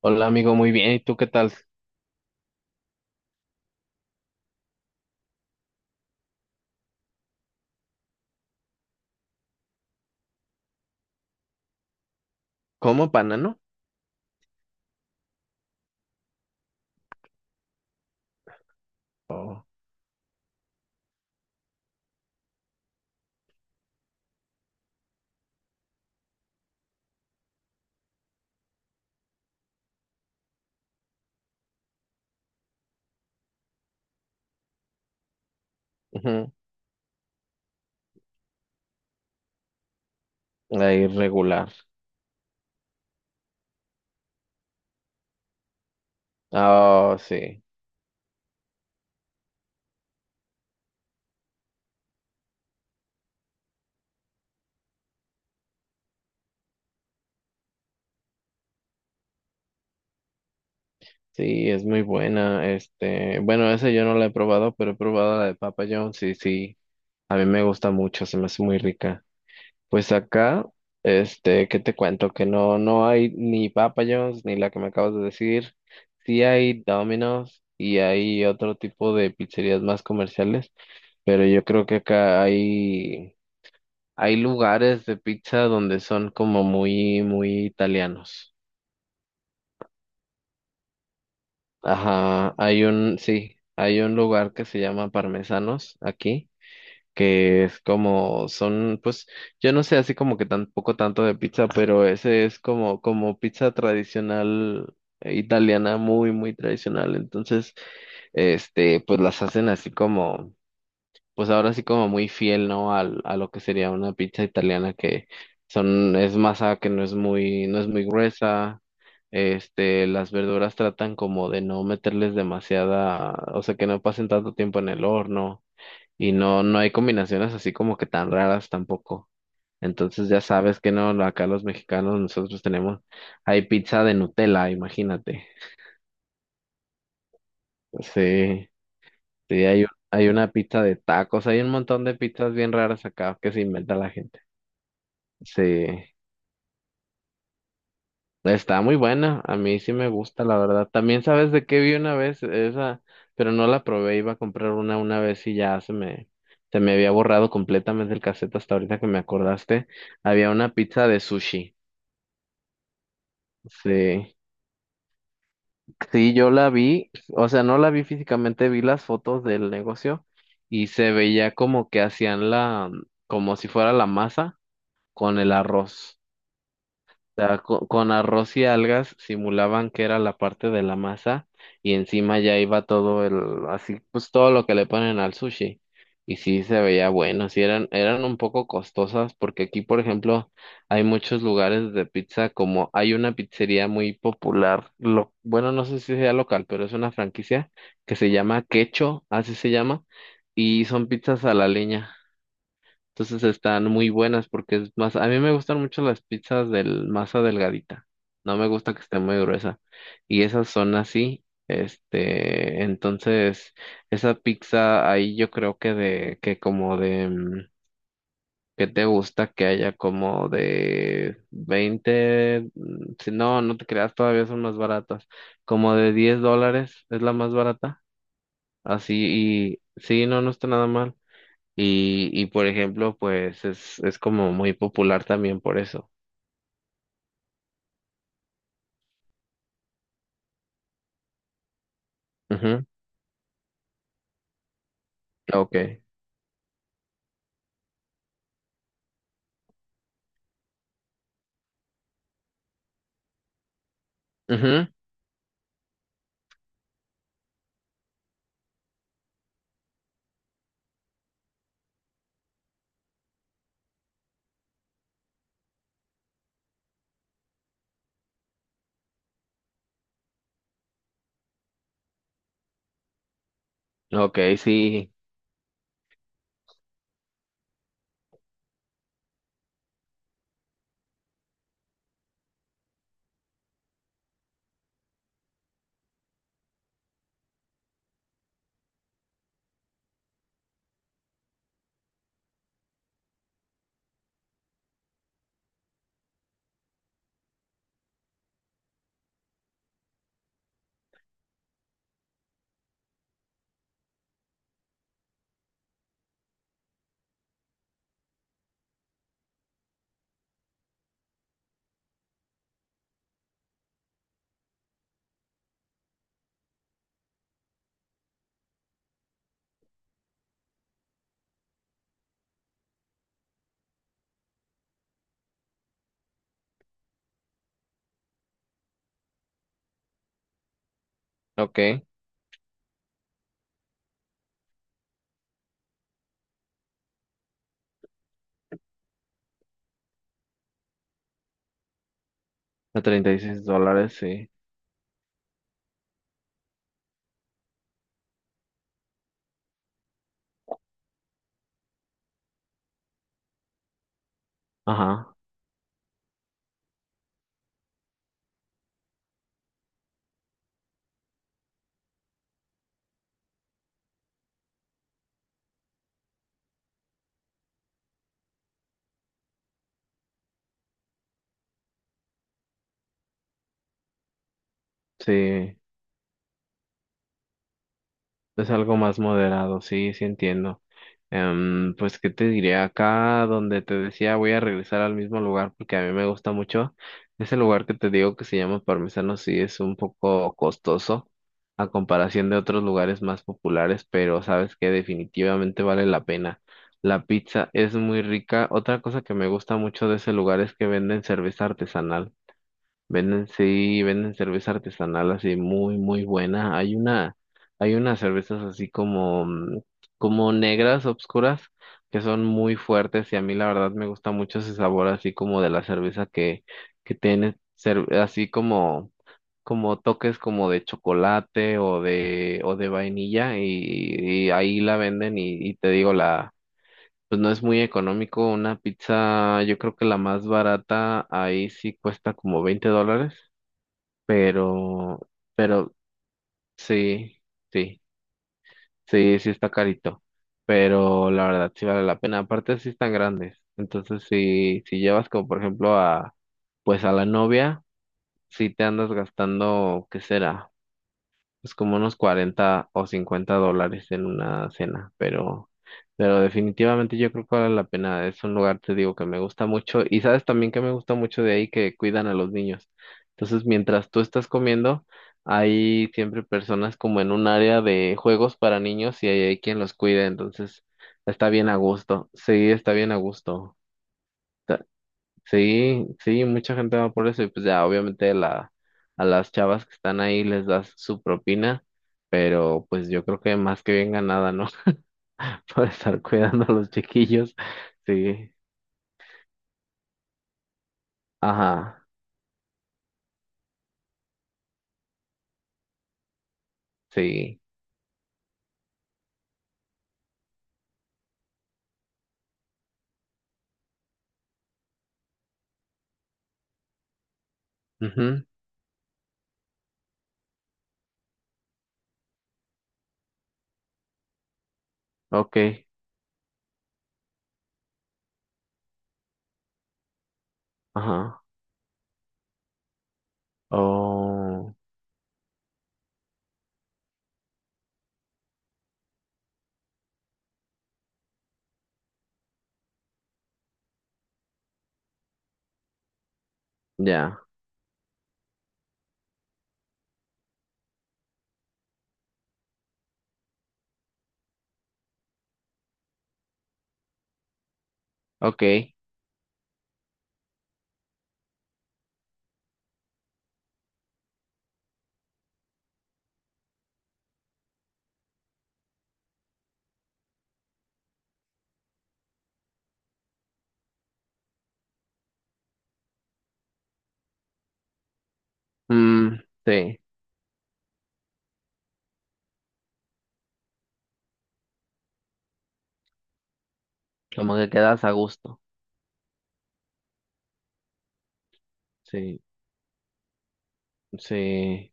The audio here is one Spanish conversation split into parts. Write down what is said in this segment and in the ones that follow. Hola amigo, muy bien. ¿Y tú qué tal? ¿Cómo banano? Oh, ujú. Ahí regular. Ah, sí. Sí, es muy buena. Este, bueno, esa yo no la he probado, pero he probado la de Papa John. Sí, sí. A mí me gusta mucho, se me hace muy rica. Pues acá, este, ¿qué te cuento? Que no, no hay ni Papa John's ni la que me acabas de decir. Sí hay Domino's y hay otro tipo de pizzerías más comerciales, pero yo creo que acá hay lugares de pizza donde son como muy, muy italianos. Ajá, hay un, sí, hay un lugar que se llama Parmesanos aquí, que es como, son, pues, yo no sé así como que tampoco tanto de pizza, pero ese es como pizza tradicional, italiana, muy, muy tradicional. Entonces, este, pues las hacen así como pues ahora sí como muy fiel, ¿no? A lo que sería una pizza italiana que son, es masa que no es muy gruesa. Este, las verduras tratan como de no meterles demasiada, o sea, que no pasen tanto tiempo en el horno y no, no hay combinaciones así como que tan raras tampoco. Entonces ya sabes que no, acá los mexicanos nosotros tenemos, hay pizza de Nutella, imagínate. Sí, sí, hay una pizza de tacos, hay un montón de pizzas bien raras acá que se inventa la gente. Sí, está muy buena, a mí sí me gusta, la verdad. También sabes de qué vi una vez esa, pero no la probé, iba a comprar una vez y ya se me había borrado completamente el cassette hasta ahorita que me acordaste. Había una pizza de sushi. Sí, sí, yo la vi, o sea, no la vi físicamente, vi las fotos del negocio y se veía como que hacían la, como si fuera la masa con el arroz. Sea, con, arroz y algas simulaban que era la parte de la masa y encima ya iba todo el, así, pues todo lo que le ponen al sushi. Y sí se veía bueno, sí eran un poco costosas porque aquí, por ejemplo, hay muchos lugares de pizza como hay una pizzería muy popular, bueno, no sé si sea local, pero es una franquicia que se llama Quecho, así se llama, y son pizzas a la leña. Entonces están muy buenas porque es más, a mí me gustan mucho las pizzas del masa delgadita. No me gusta que esté muy gruesa. Y esas son así. Este, entonces, esa pizza ahí yo creo que de, que como de, ¿qué te gusta? Que haya como de 20 si no, no te creas, todavía son más baratas. Como de $10 es la más barata. Así, y sí, no, no está nada mal. Y por ejemplo, pues es como muy popular también por eso. Ujú. Ok. Ujú, ok, sí. Ok. A $36, sí. Ajá. Sí. Es algo más moderado, sí, sí entiendo. Pues, ¿qué te diré? Acá donde te decía voy a regresar al mismo lugar porque a mí me gusta mucho. Ese lugar que te digo que se llama Parmesano sí es un poco costoso a comparación de otros lugares más populares, pero sabes que definitivamente vale la pena. La pizza es muy rica. Otra cosa que me gusta mucho de ese lugar es que venden cerveza artesanal. Venden, sí, venden cerveza artesanal así muy, muy buena. Hay unas cervezas así como, como negras, obscuras, que son muy fuertes y a mí la verdad me gusta mucho ese sabor así como de la cerveza que tiene, así como, como toques como de chocolate o de vainilla y ahí la venden y te digo la, pues no es muy económico. Una pizza, yo creo que la más barata ahí sí cuesta como $20, pero, pero sí, sí, sí, sí está carito, pero la verdad sí vale la pena, aparte sí están grandes, entonces si, si llevas como por ejemplo pues a la novia, sí te andas gastando, ¿qué será? Pues como unos 40 o 50 dólares en una cena, pero definitivamente yo creo que vale la pena. Es un lugar, te digo, que me gusta mucho. Y sabes también que me gusta mucho de ahí que cuidan a los niños. Entonces, mientras tú estás comiendo, hay siempre personas como en un área de juegos para niños y hay quien los cuida. Entonces, está bien a gusto. Sí, está bien a gusto. Sí, sí, mucha gente va por eso y pues ya obviamente a las chavas que están ahí les das su propina, pero pues yo creo que más que bien ganada, ¿no? Por estar cuidando a los chiquillos. Sí, ajá, sí, mhm, ok, ajá, oh, ya, ok, mm, sí, como que quedas a gusto, sí, sí.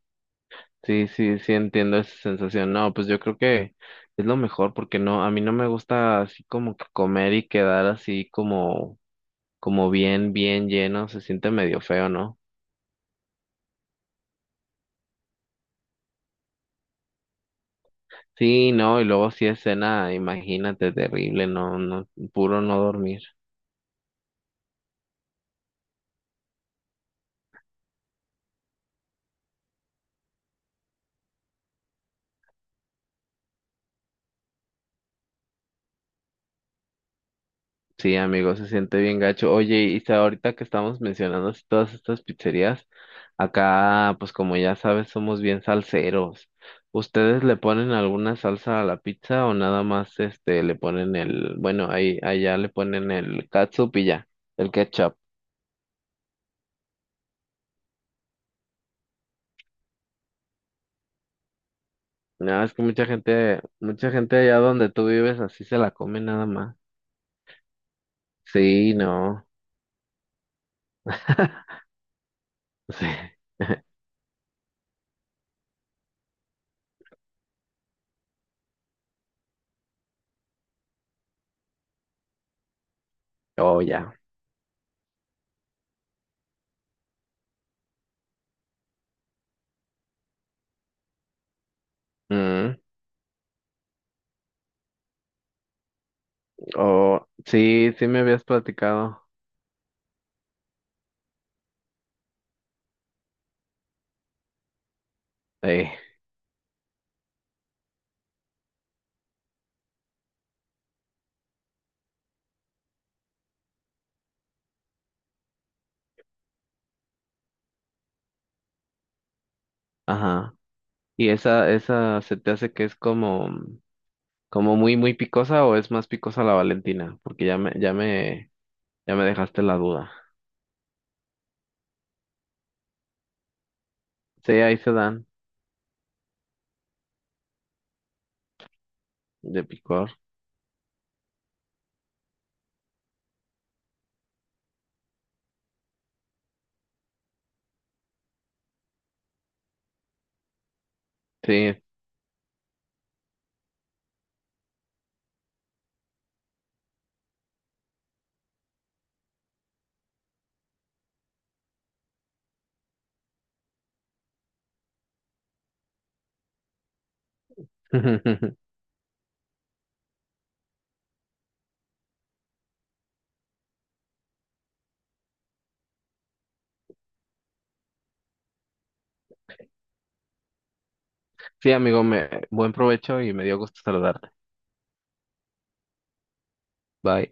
Sí, sí, sí entiendo esa sensación. No, pues yo creo que es lo mejor porque no, a mí no me gusta así como que comer y quedar así como, como bien, bien lleno, se siente medio feo, ¿no? Sí, no, y luego si es cena, imagínate, terrible, no, no, puro no dormir. Sí, amigo, se siente bien gacho. Oye, y ahorita que estamos mencionando así todas estas pizzerías, acá, pues como ya sabes, somos bien salseros. ¿Ustedes le ponen alguna salsa a la pizza o nada más este le ponen el, bueno, ahí allá le ponen el catsup y ya, el ketchup? No, es que mucha gente allá donde tú vives así se la come nada más. Sí, no. Sí. Oh, ya. Mm. Oh, sí, sí me habías platicado. Sí. Ajá. ¿Y esa se te hace que es como, como muy, muy picosa o es más picosa la Valentina? Porque ya me dejaste la duda. Sí, ahí se dan de picor. Sí. Sí, amigo, buen provecho y me dio gusto saludarte. Bye.